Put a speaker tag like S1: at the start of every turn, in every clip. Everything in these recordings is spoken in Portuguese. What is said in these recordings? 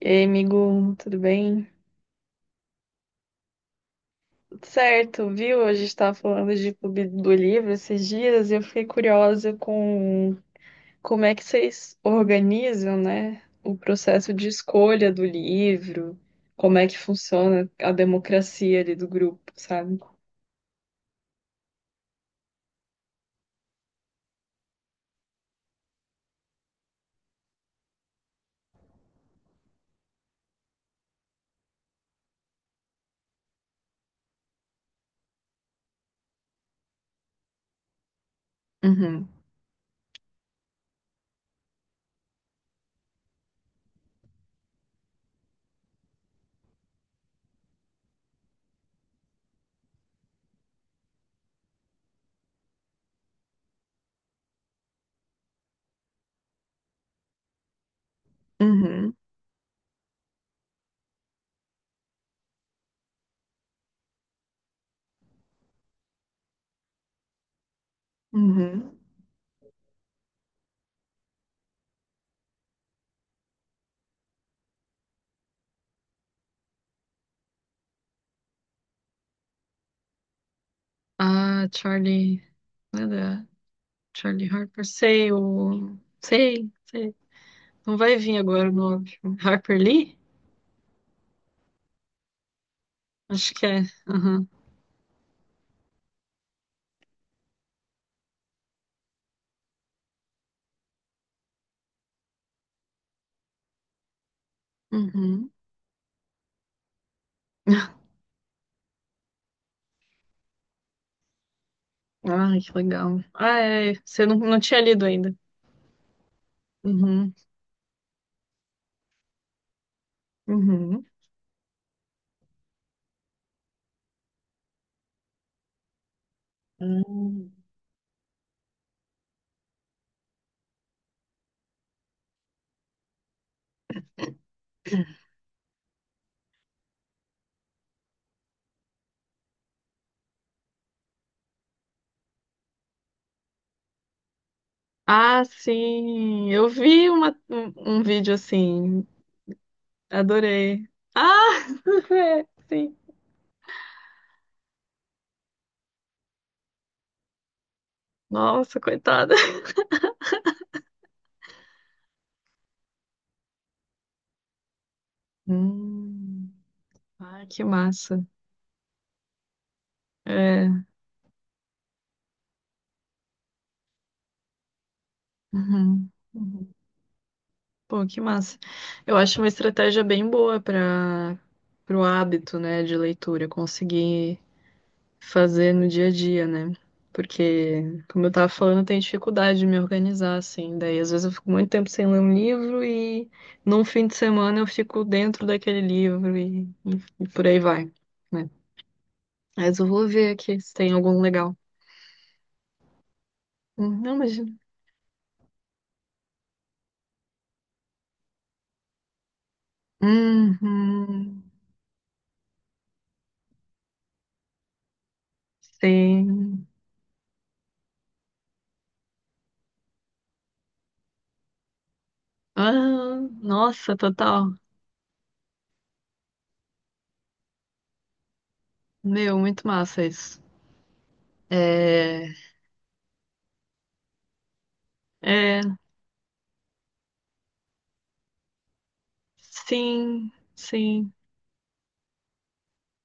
S1: E aí, amigo, tudo bem? Tudo certo, viu? A gente estava falando de Clube do Livro esses dias e eu fiquei curiosa com como é que vocês organizam, né, o processo de escolha do livro, como é que funciona a democracia ali do grupo, sabe? Uhum. Uhum. Uhum. Ah, Charlie, nada, Charlie Harper, sei, sei, sei. Não vai vir agora o nome. Harper Lee? Acho que é. Uhum. Uhum. Ai, que legal. Ah, você não tinha lido ainda. Uhum. Uhum. Hum. Ah, sim, eu vi um vídeo assim, adorei. Ah, é, sim. Nossa, coitada. Hum, ah, que massa. É. Uhum. Uhum. Pô, que massa. Eu acho uma estratégia bem boa para o hábito, né, de leitura, conseguir fazer no dia a dia, né? Porque, como eu tava falando, eu tenho dificuldade de me organizar, assim. Daí, às vezes, eu fico muito tempo sem ler um livro e num fim de semana eu fico dentro daquele livro e por aí vai, né? Mas eu vou ver aqui se tem algum legal. Não, mas. Uhum, sim. Ah, nossa, total. Meu, muito massa isso. É. É. Sim, sim.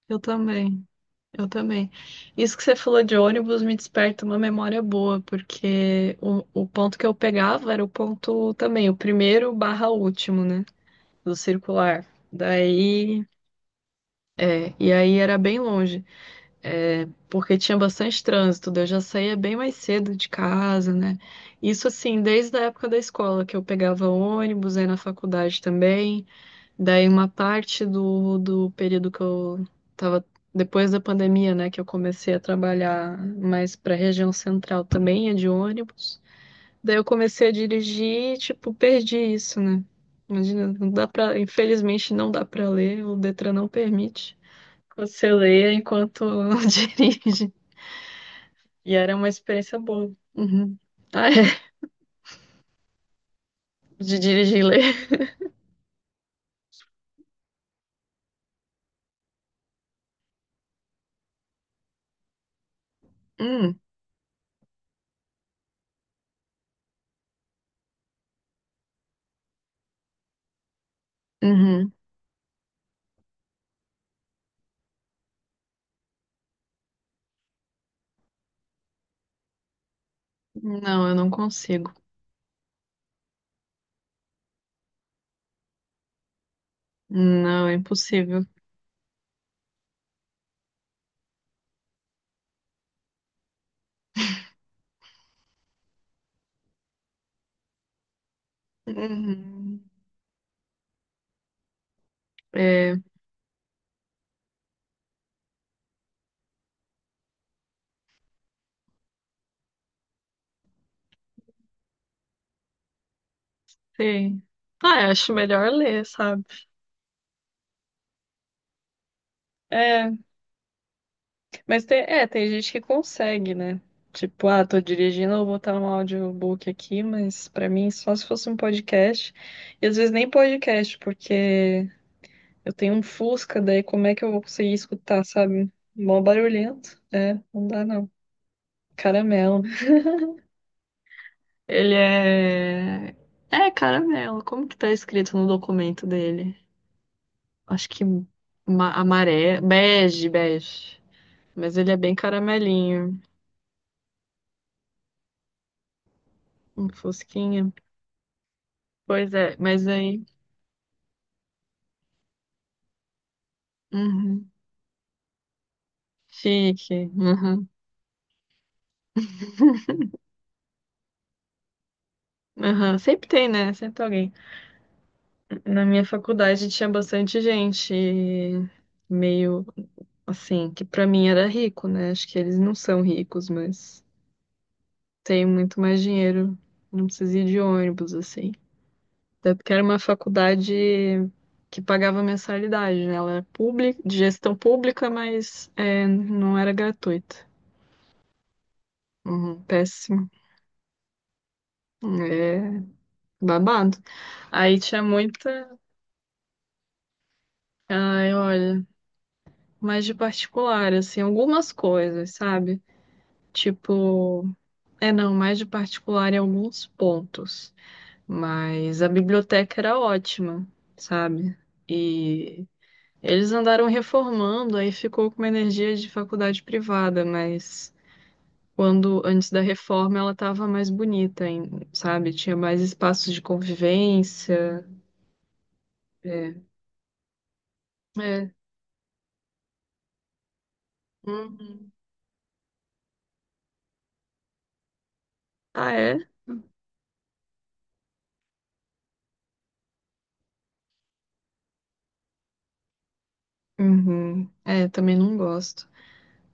S1: Eu também. Eu também. Isso que você falou de ônibus me desperta uma memória boa, porque o ponto que eu pegava era o ponto também, o primeiro barra último, né? Do circular. Daí. É, e aí era bem longe, é, porque tinha bastante trânsito, daí eu já saía bem mais cedo de casa, né? Isso assim, desde a época da escola, que eu pegava ônibus, aí na faculdade também. Daí uma parte do período que eu tava depois da pandemia, né, que eu comecei a trabalhar mais para a região central também, é de ônibus. Daí eu comecei a dirigir, e, tipo, perdi isso, né? Imagina, não dá para, infelizmente não dá para ler, o Detran não permite. Você lê enquanto dirige. E era uma experiência boa. Uhum. Ah, é, de dirigir e ler. Hum. Uhum. Não, eu não consigo. Não, é impossível. Uhum. É, sim. Ah, eu acho melhor ler, sabe? É, mas tem gente que consegue, né? Tipo, ah, tô dirigindo, eu vou botar um audiobook aqui, mas pra mim só se fosse um podcast. E às vezes nem podcast, porque eu tenho um Fusca, daí como é que eu vou conseguir escutar, sabe? Mó barulhento. É, não dá não. Caramelo. Ele é. É, caramelo. Como que tá escrito no documento dele? Acho que amarelo. Bege, bege. Mas ele é bem caramelinho, um fusquinha. Pois é, mas aí. Uhum. Chique. Uhum. Uhum. Sempre tem, né? Sempre tem alguém. Na minha faculdade tinha bastante gente meio assim, que pra mim era rico, né? Acho que eles não são ricos, mas tem muito mais dinheiro. Não precisa ir de ônibus, assim. Até porque era uma faculdade que pagava mensalidade, né? Ela era pública, de gestão pública, mas é, não era gratuita. Uhum. Péssimo. É, babado. Aí tinha muita. Ai, olha, mais de particular, assim, algumas coisas, sabe? Tipo, é não, mais de particular em alguns pontos. Mas a biblioteca era ótima, sabe? E eles andaram reformando, aí ficou com uma energia de faculdade privada, mas quando, antes da reforma, ela tava mais bonita, hein, sabe? Tinha mais espaços de convivência. É. É. Uhum. Ah, é? Uhum. É, também não gosto.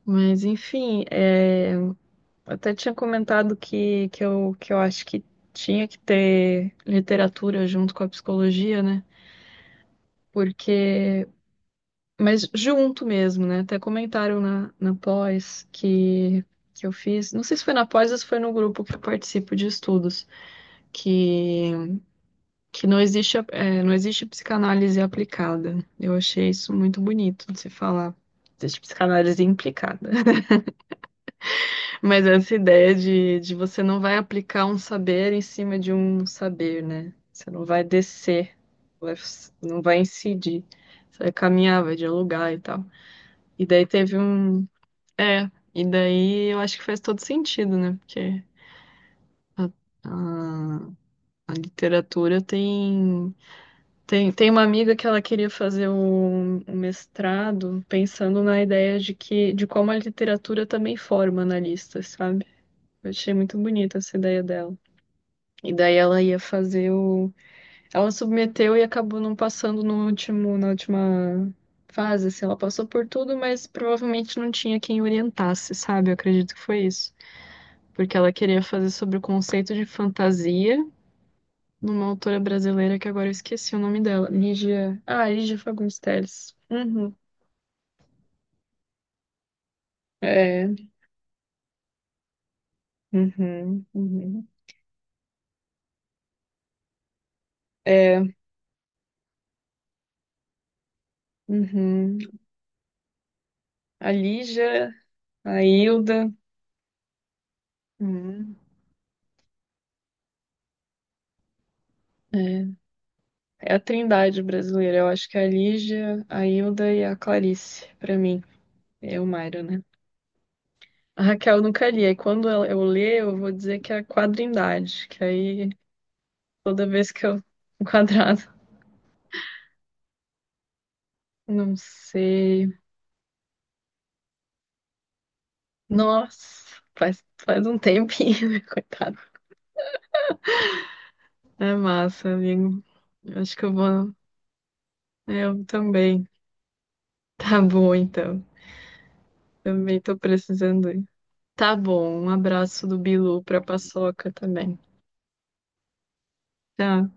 S1: Mas enfim, é, eu até tinha comentado que eu acho que tinha que ter literatura junto com a psicologia, né? Porque. Mas junto mesmo, né? Até comentaram na pós que eu fiz. Não sei se foi na pós ou se foi no grupo que eu participo de estudos, que, que não existe, não existe psicanálise aplicada. Eu achei isso muito bonito de se falar. Existe psicanálise implicada. Mas essa ideia de você não vai aplicar um saber em cima de um saber, né? Você não vai descer, vai- não vai incidir. Você vai caminhar, vai dialogar e tal. E daí teve um. É, e daí eu acho que faz todo sentido, né? Porque a, a, a literatura tem. Tem uma amiga que ela queria fazer um mestrado pensando na ideia de que de como a literatura também forma analistas, sabe? Eu achei muito bonita essa ideia dela. E daí ela ia fazer o. Ela submeteu e acabou não passando no último, na última fase, assim. Ela passou por tudo, mas provavelmente não tinha quem orientasse, sabe? Eu acredito que foi isso. Porque ela queria fazer sobre o conceito de fantasia numa autora brasileira que agora eu esqueci o nome dela. Lígia. Ah, Lígia Fagundes Telles. Uhum. É. Uhum. Uhum. É. Uhum. A Lígia, a Hilda. Uhum. É. É a trindade brasileira. Eu acho que é a Lígia, a Hilda e a Clarice, pra mim. É o Mário, né? A Raquel eu nunca li. Aí quando eu ler, eu vou dizer que é a quadrindade. Que aí toda vez que eu. O quadrado. Não sei. Nossa, faz, faz um tempinho, né? Coitado. É massa, amigo. Eu acho que eu vou. Eu também. Tá bom, então. Também tô precisando ir. Tá bom. Um abraço do Bilu pra Paçoca também. Tchau.